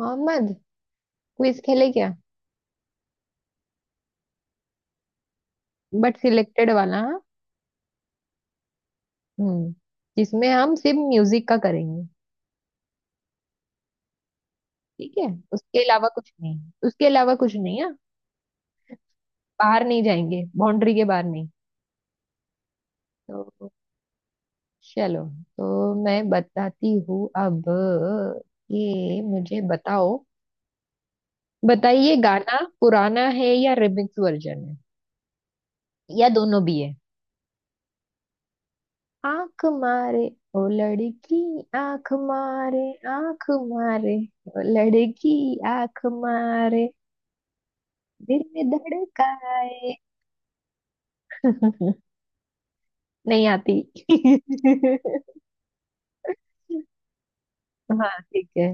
Mohammad. Quiz खेले क्या? But selected वाला हाँ? हम्म। जिसमें हम सिर्फ म्यूजिक का करेंगे। ठीक है। उसके अलावा कुछ नहीं। उसके अलावा कुछ नहीं है। बाहर नहीं जाएंगे, बाउंड्री के बाहर नहीं। तो चलो। तो मैं बताती हूँ अब। ये मुझे बताओ, बताइए गाना पुराना है या रिमिक्स वर्जन है या दोनों भी है। आंख मारे, ओ लड़की आंख मारे, आंख मारे ओ लड़की आंख मारे, दिल में धड़काए। नहीं आती। हाँ, ठीक है।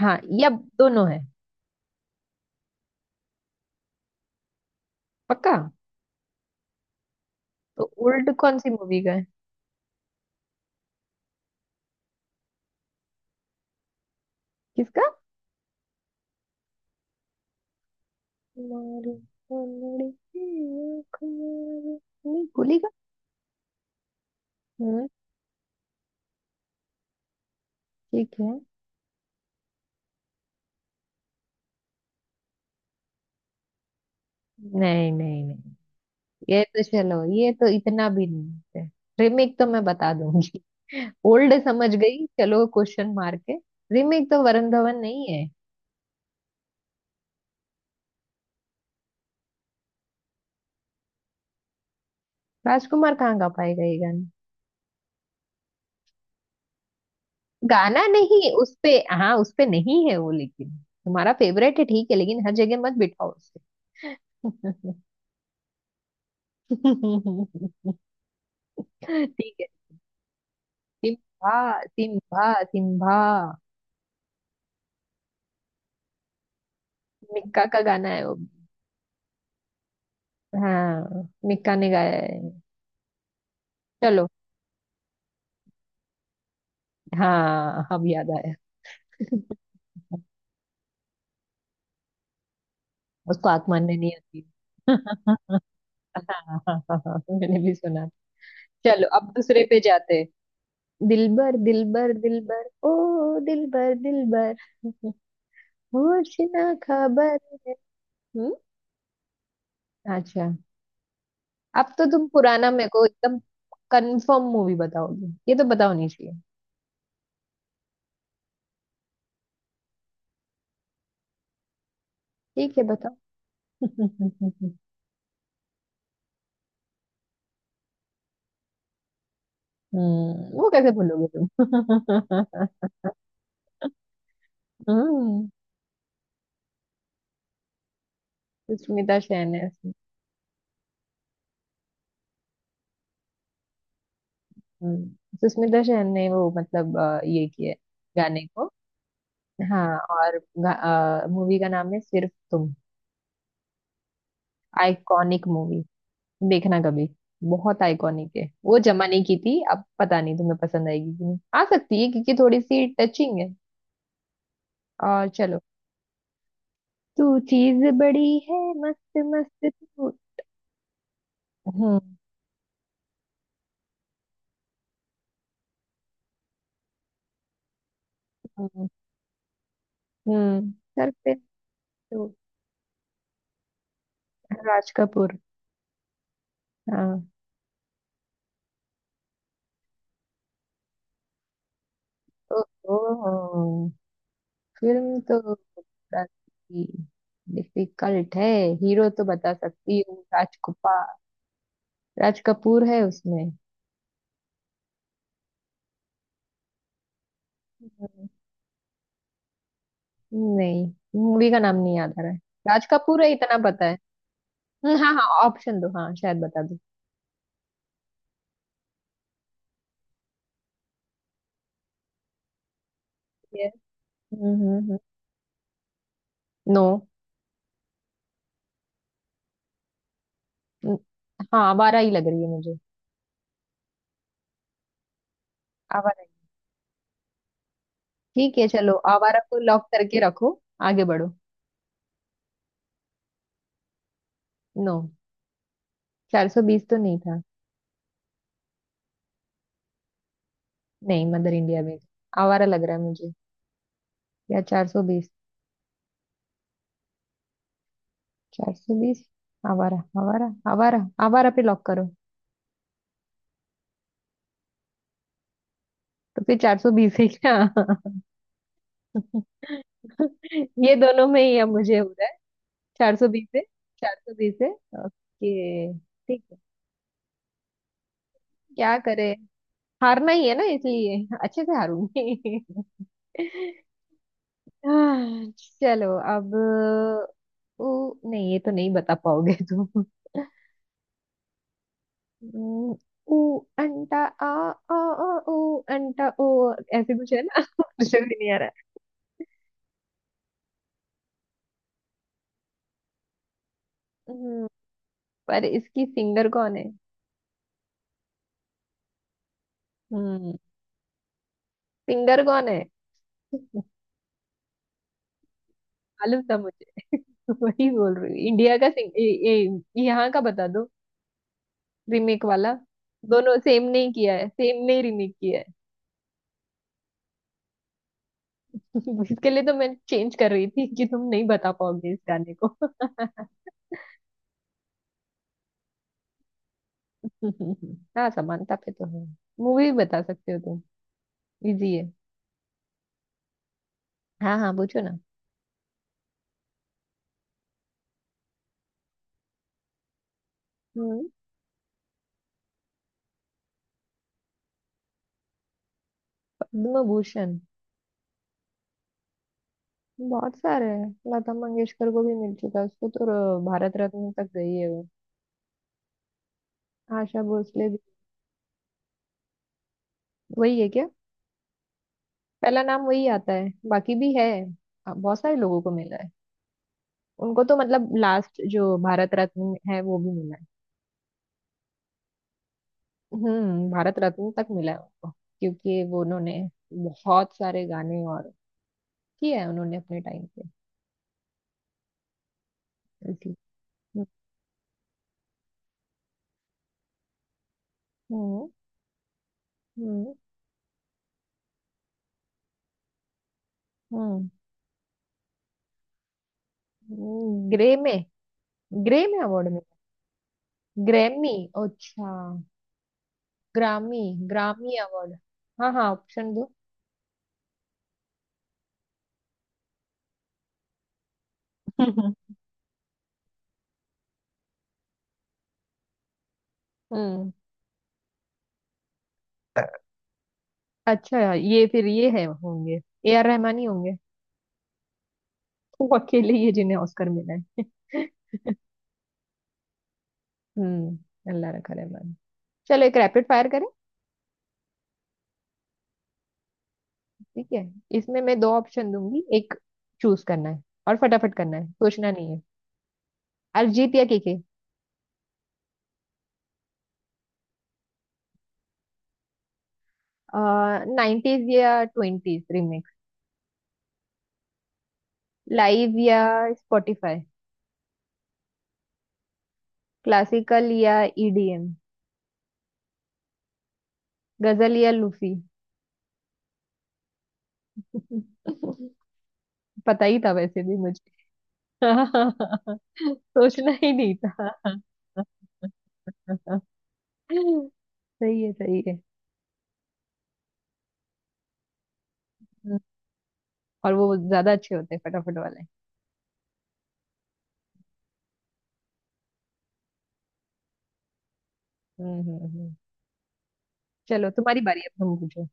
हाँ या दोनों है, पक्का। तो उल्ट कौन सी मूवी का है? किसका? मारे ओ लड़की आंख मारे। नहीं, भूली का। हम्म, ठीक है। नहीं नहीं नहीं, ये तो चलो, ये तो इतना भी नहीं है। रिमेक तो मैं बता दूंगी। ओल्ड समझ गई, चलो क्वेश्चन मार के। रिमेक तो वरुण धवन नहीं है। राजकुमार कहाँ गा पाएगा ये गाना? गाना नहीं, उसपे। हाँ, उसपे नहीं है वो, लेकिन तुम्हारा फेवरेट है, ठीक है, लेकिन हर जगह मत बिठाओ उसे। ठीक है। सिम्बा, सिम्बा सिम्बा। मिक्का का गाना है वो भी। हाँ, मिक्का ने गाया है। चलो। हाँ, अब याद आया। उसको आंख मानने नहीं आती। हाँ, मैंने भी सुना। चलो अब दूसरे पे जाते हैं। दिलबर दिलबर दिलबर, ओ दिलबर दिलबर, होश ना खबर। है। हम्म। अच्छा। अब तो तुम पुराना मेरे को एकदम कंफर्म मूवी बताओगे, ये तो पता होनी चाहिए। ठीक है, बताओ। हम्म, वो कैसे भूलोगे तुम। हम्म। सुष्मिता सेन है इसमें। हम्म। सुष्मिता सेन ने वो मतलब ये किया है गाने को। हाँ। और मूवी का नाम है सिर्फ तुम। आइकॉनिक मूवी, देखना कभी। बहुत आइकॉनिक है, वो जमाने की थी, अब पता नहीं तुम्हें पसंद आएगी कि नहीं, आ सकती है क्योंकि थोड़ी सी टचिंग है। और चलो। तू चीज बड़ी है मस्त मस्त तू। हम्म हम्म हम्म। सर पे तू राज कपूर। हाँ। ओ, ओ, फिल्म तो डिफिकल्ट है। हीरो तो बता सकती हूँ, राजकुपा। राज कपूर है उसमें। नहीं, मूवी का नाम नहीं याद आ रहा है। राज कपूर है इतना पता है। हाँ हाँ ऑप्शन दो, हाँ शायद बता दो। ये नो। हाँ आवारा ही लग रही है मुझे। आवारा ही। ठीक है, चलो आवारा को लॉक करके रखो। आगे बढ़ो। नो, 420 तो नहीं था। नहीं, मदर इंडिया में। आवारा लग रहा है मुझे, या 420। 420, आवारा आवारा आवारा। आवारा पे लॉक करो। तो फिर 420 है क्या? ये दोनों में ही अब मुझे हो रहा है। 420 है। 420 है। ओके। ठीक है, क्या करे, हारना ही है ना, इसलिए अच्छे से हारूंगी। आह, चलो अब। ऊ, नहीं ये तो नहीं बता पाओगे तुम। हम्म, ऊ अंटा आ आ आ ऊ अंटा ओ, ऐसे कुछ है ना। कुछ भी नहीं आ रहा है। पर इसकी सिंगर कौन है। हम्म, सिंगर कौन है। मालूम था मुझे। वही बोल रही हूँ इंडिया का सिंग- ए, ए, यहाँ का बता दो। रीमेक वाला। दोनों सेम नहीं किया है, सेम नहीं, रीमेक किया है। इसके लिए तो मैं चेंज कर रही थी कि तुम नहीं बता पाओगे इस गाने को। हाँ, समानता पे तो है। मूवी बता सकते हो तुम, इजी है। हाँ हाँ पूछो ना। हम्म, पद्म भूषण। बहुत सारे हैं। लता मंगेशकर को भी मिल चुका है, उसको तो भारत रत्न तक गई है वो। आशा भोसले भी। वही है क्या? पहला नाम वही आता है, बाकी भी है। बहुत सारे लोगों को मिला है। उनको तो मतलब लास्ट जो भारत रत्न है वो भी मिला है। हम्म, भारत रत्न तक मिला है उनको। क्योंकि वो उन्होंने बहुत सारे गाने और किए हैं उन्होंने अपने टाइम पे इसलिए। हम्म हम्म हम्म ग्रे में, ग्रे में अवार्ड मिला। ग्रैमी, अच्छा। ग्रामी, ग्रामी अवार्ड। हाँ हाँ ऑप्शन दो। हम्म। अच्छा ये फिर ये है होंगे, ए आर रहमान ही होंगे। वो अकेले ही है जिन्हें ऑस्कर मिला है। हम्म, अल्लाह रखा रहमान। चलो एक रैपिड फायर करें। ठीक है। इसमें मैं दो ऑप्शन दूंगी, एक चूज करना है और फटाफट करना है, सोचना नहीं है। अरिजीत या केके। नाइन्टीज या ट्वेंटीज रिमिक्स। लाइव या स्पॉटिफाई। क्लासिकल या ईडीएम। गजल या लूफी। पता ही था वैसे भी मुझे। सोचना ही नहीं था। सही है सही है। और वो ज्यादा अच्छे होते हैं फटाफट वाले। हम्म हम्म हम्म। चलो तुम्हारी बारी अब, तुम पूछो।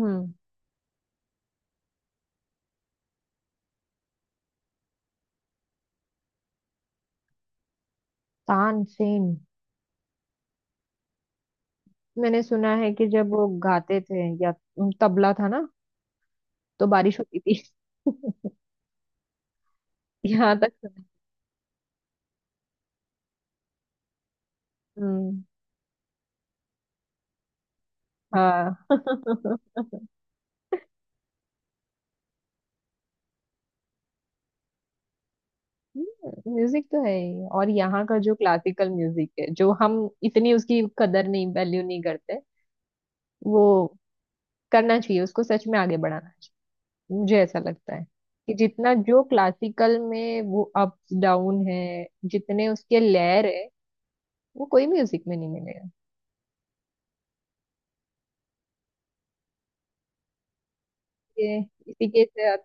हम्म। तानसेन। मैंने सुना है कि जब वो गाते थे या तबला था ना, तो बारिश होती थी। यहाँ तक सुना। हम्म। हाँ। म्यूजिक तो है ही, और यहाँ का जो क्लासिकल म्यूजिक है जो हम इतनी उसकी कदर नहीं, वैल्यू नहीं करते वो, करना चाहिए उसको सच में आगे बढ़ाना, मुझे ऐसा लगता है कि जितना जो क्लासिकल में वो अप्स डाउन है, जितने उसके लेयर है वो कोई म्यूजिक में नहीं मिलेगा। ये इसी के साथ।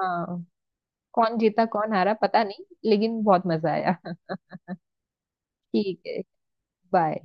हाँ। कौन जीता कौन हारा पता नहीं, लेकिन बहुत मजा आया। ठीक है, बाय।